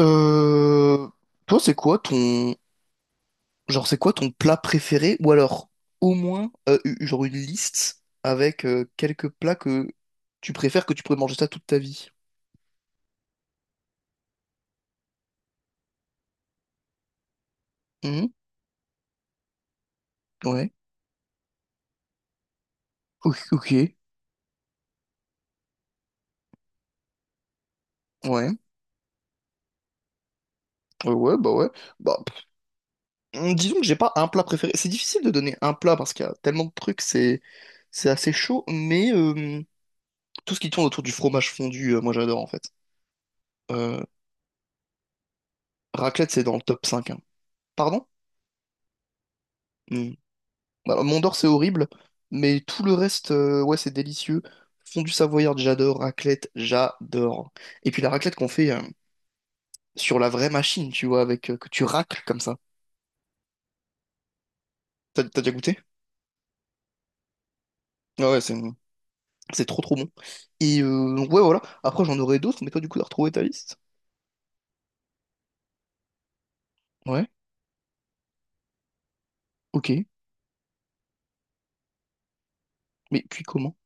Euh, toi, c'est quoi ton genre, c'est quoi ton plat préféré? Ou alors, au moins, genre une liste avec quelques plats que tu préfères que tu pourrais manger ça toute ta vie. Mhm, ouais. Ok. Ok. Ouais. Ouais, ouais. Bah, pff, disons que j'ai pas un plat préféré. C'est difficile de donner un plat parce qu'il y a tellement de trucs, c'est assez chaud. Mais tout ce qui tourne autour du fromage fondu, moi j'adore en fait. Euh, raclette, c'est dans le top cinq, hein. Pardon? Hmm. Alors, Mondor, c'est horrible, mais tout le reste, ouais, c'est délicieux. Fondue savoyarde, j'adore. Raclette, j'adore. Et puis la raclette qu'on fait sur la vraie machine, tu vois, avec que tu racles comme ça. T'as déjà goûté? Ah ouais, c'est trop trop bon. Et donc, ouais, voilà. Après, j'en aurais d'autres, mais toi, du coup, t'as retrouvé ta liste? Ouais, ok. Mais puis comment?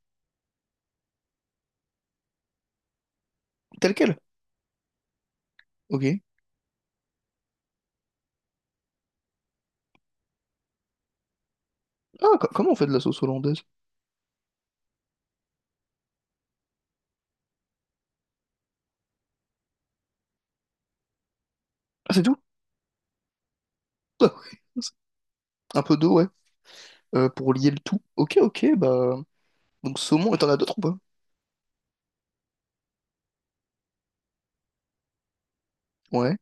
Tel quel? Ok. Ah, comment on fait de la sauce hollandaise? Ah, c'est tout? Ah, ouais. Un peu d'eau, ouais. Pour lier le tout. Ok, ok, bah. Donc, saumon, et t'en as d'autres ou pas? Ouais.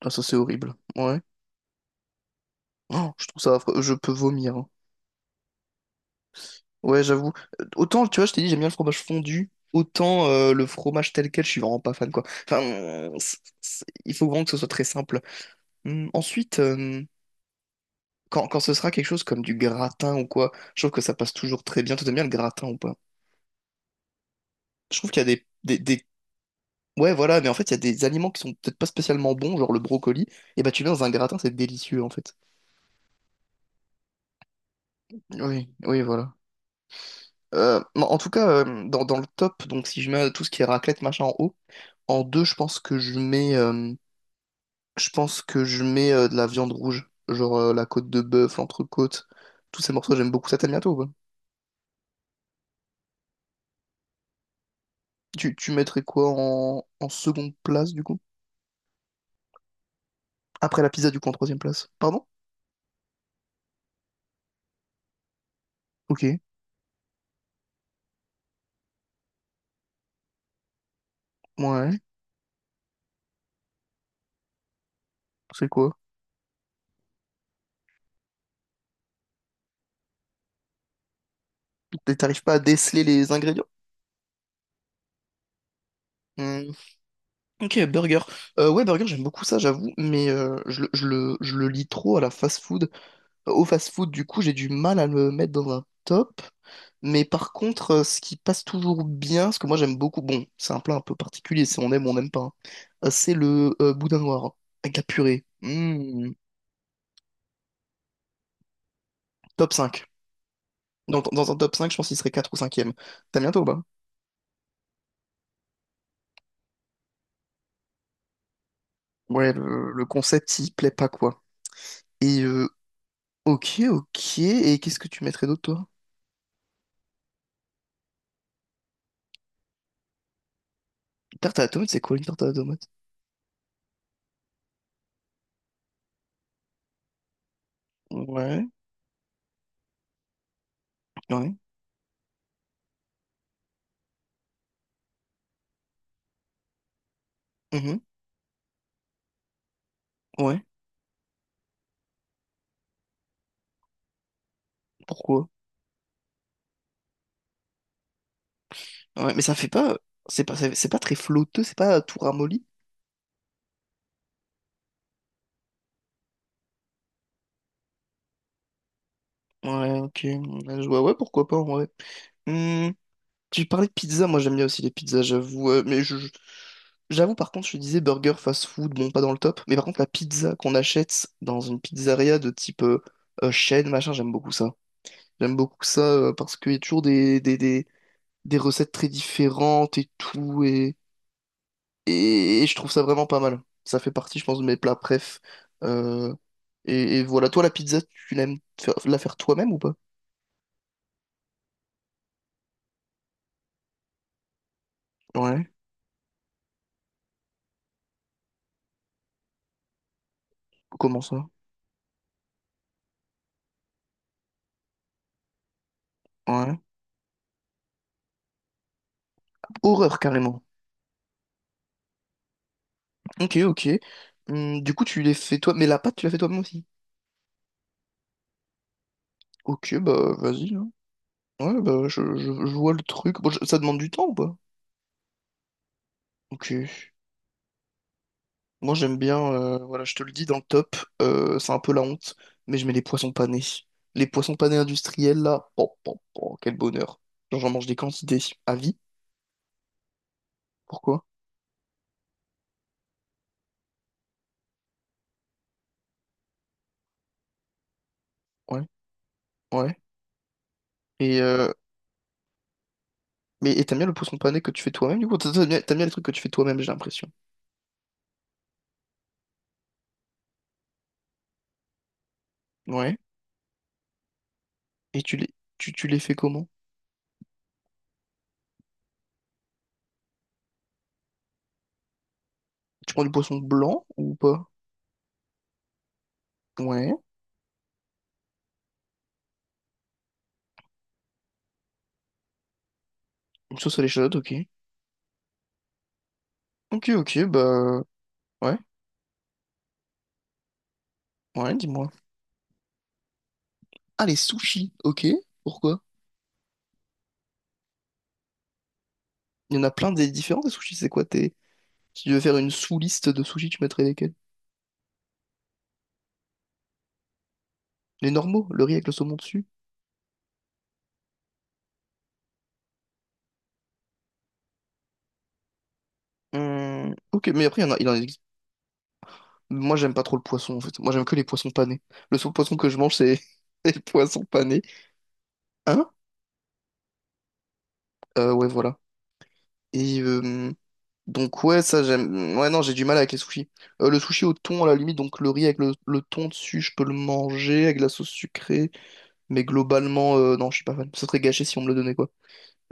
Ah, ça, c'est horrible. Ouais. Oh, je trouve ça affreux. Je peux vomir, hein. Ouais, j'avoue. Autant, tu vois, je t'ai dit, j'aime bien le fromage fondu. Autant le fromage tel quel, je suis vraiment pas fan, quoi. Enfin, il faut vraiment que ce soit très simple. Ensuite, quand ce sera quelque chose comme du gratin ou quoi, je trouve que ça passe toujours très bien. Tu aimes bien le gratin ou pas? Je trouve qu'il y a des. Ouais, voilà, mais en fait, il y a des aliments qui sont peut-être pas spécialement bons, genre le brocoli. Et bah, tu mets dans un gratin, c'est délicieux, en fait. Oui, oui, voilà. En tout cas, dans le top, donc si je mets tout ce qui est raclette, machin en haut, en deux, je pense que je mets de la viande rouge, genre la côte de bœuf, l'entrecôte, tous ces morceaux, j'aime beaucoup ça, t'aimes bien toi ou pas? Tu mettrais quoi en seconde place du coup? Après la pizza du coup en troisième place. Pardon? Ok, ouais, c'est quoi? T'arrives pas à déceler les ingrédients? Hmm, ok, burger. Ouais, burger, j'aime beaucoup ça, j'avoue, mais je le lis trop à la fast-food. Au fast-food, du coup, j'ai du mal à le mettre dans un top. Mais par contre, ce qui passe toujours bien, ce que moi j'aime beaucoup, bon, c'est un plat un peu particulier, si on aime ou on n'aime pas, hein, c'est le boudin noir avec la purée. Mmh, top cinq. Dans un top 5 je pense qu'il serait 4 ou cinquième e T'as bientôt, bah? Ouais, le concept, il plaît pas, quoi. Et ok, ok. Et qu'est-ce que tu mettrais d'autre, toi? Tarte à la tomate, c'est quoi une tarte à la tomate? Ouais, ouais, mhm, ouais. Pourquoi? Ouais, mais ça fait pas. C'est pas très flotteux, c'est pas tout ramolli. Ouais, ok. Ouais, ouais, pourquoi pas, ouais. Hmm, tu parlais de pizza, moi j'aime bien aussi les pizzas, j'avoue. Mais j'avoue, par contre, je disais burger, fast-food, bon, pas dans le top. Mais par contre, la pizza qu'on achète dans une pizzeria de type chaîne, machin, j'aime beaucoup ça. J'aime beaucoup ça parce qu'il y a toujours des recettes très différentes et tout. Et je trouve ça vraiment pas mal. Ça fait partie, je pense, de mes plats préf. Euh, et voilà, toi, la pizza, la faire toi-même ou pas? Ouais, comment ça? Ouais. Horreur, carrément. Ok, ok. Du coup, tu les fais toi, mais la pâte, tu la fais toi-même aussi. Ok, bah, vas-y, hein. Ouais, bah, je vois le truc. Bon, ça demande du temps ou pas? Ok. Moi, j'aime bien, voilà, je te le dis, dans le top, c'est un peu la honte, mais je mets les poissons panés. Les poissons panés industriels, là, oh, oh, oh, quel bonheur. Genre, j'en mange des quantités à vie. Pourquoi? Ouais, ouais. Et, euh, mais t'aimes bien le poisson pané que tu fais toi-même, du coup? T'aimes bien les trucs que tu fais toi-même, j'ai l'impression. Ouais. Et tu les fais comment? Tu prends du poisson blanc ou pas? Ouais. Une sauce à l'échalote, ok. Ok, ok, bah, ouais, ouais, dis-moi. Ah, les sushis, ok. Pourquoi? Il y en a plein des différents des sushis, c'est quoi? T'es Si tu devais faire une sous-liste de sushis, tu mettrais lesquels? Les normaux, le riz avec le saumon dessus? Ok, mais après, il y en a, il en existe. Moi, j'aime pas trop le poisson, en fait. Moi, j'aime que les poissons panés. Le seul poisson que je mange, c'est les poissons panés. Hein? Ouais, voilà. Et donc, ouais, ça, j'aime. Ouais, non, j'ai du mal avec les sushis. Le sushi au thon, à la limite, donc le riz avec le thon dessus, je peux le manger avec de la sauce sucrée. Mais globalement, non, je suis pas fan. Ça serait gâché si on me le donnait, quoi.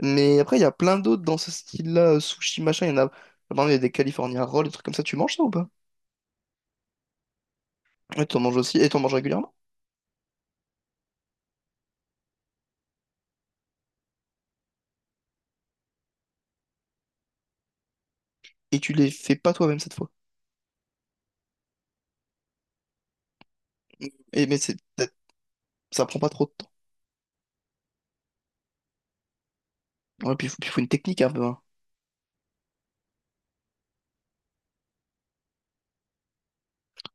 Mais après, il y a plein d'autres dans ce style-là, sushi, machin. Il y en a, par exemple, il y a des California Rolls, des trucs comme ça. Tu manges ça ou pas? Ouais, t'en manges aussi, et t'en manges régulièrement. Et tu les fais pas toi-même cette fois. Et mais ça prend pas trop de temps. Ouais, puis faut une technique un peu, hein.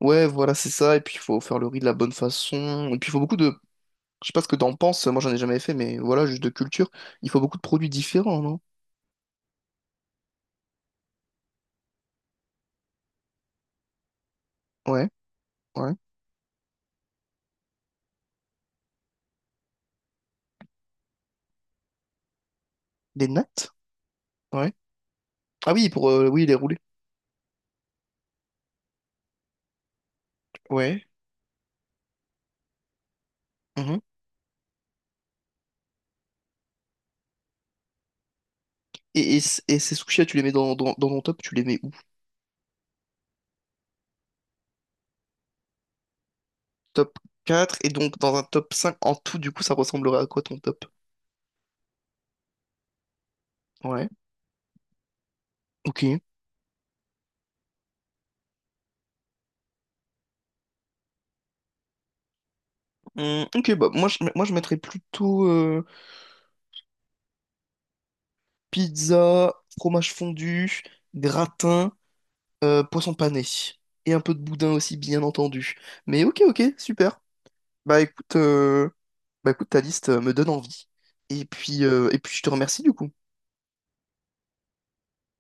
Ouais, voilà, c'est ça. Et puis il faut faire le riz de la bonne façon. Et puis il faut beaucoup de. Je sais pas ce que t'en penses, moi j'en ai jamais fait, mais voilà, juste de culture. Il faut beaucoup de produits différents, non? Ouais, ouais. Des nattes? Ouais. Ah oui, pour oui, les rouler. Ouais. Et ces sushis tu les mets dans ton top, tu les mets où? Top 4 et donc dans un top 5 en tout, du coup, ça ressemblerait à quoi ton top? Ouais, ok. Ok, bah moi je mettrais plutôt pizza, fromage fondu, gratin, poisson pané. Et un peu de boudin aussi, bien entendu. Mais ok, ok, super. Bah écoute, euh, bah, écoute ta liste me donne envie. Et puis je te remercie du coup.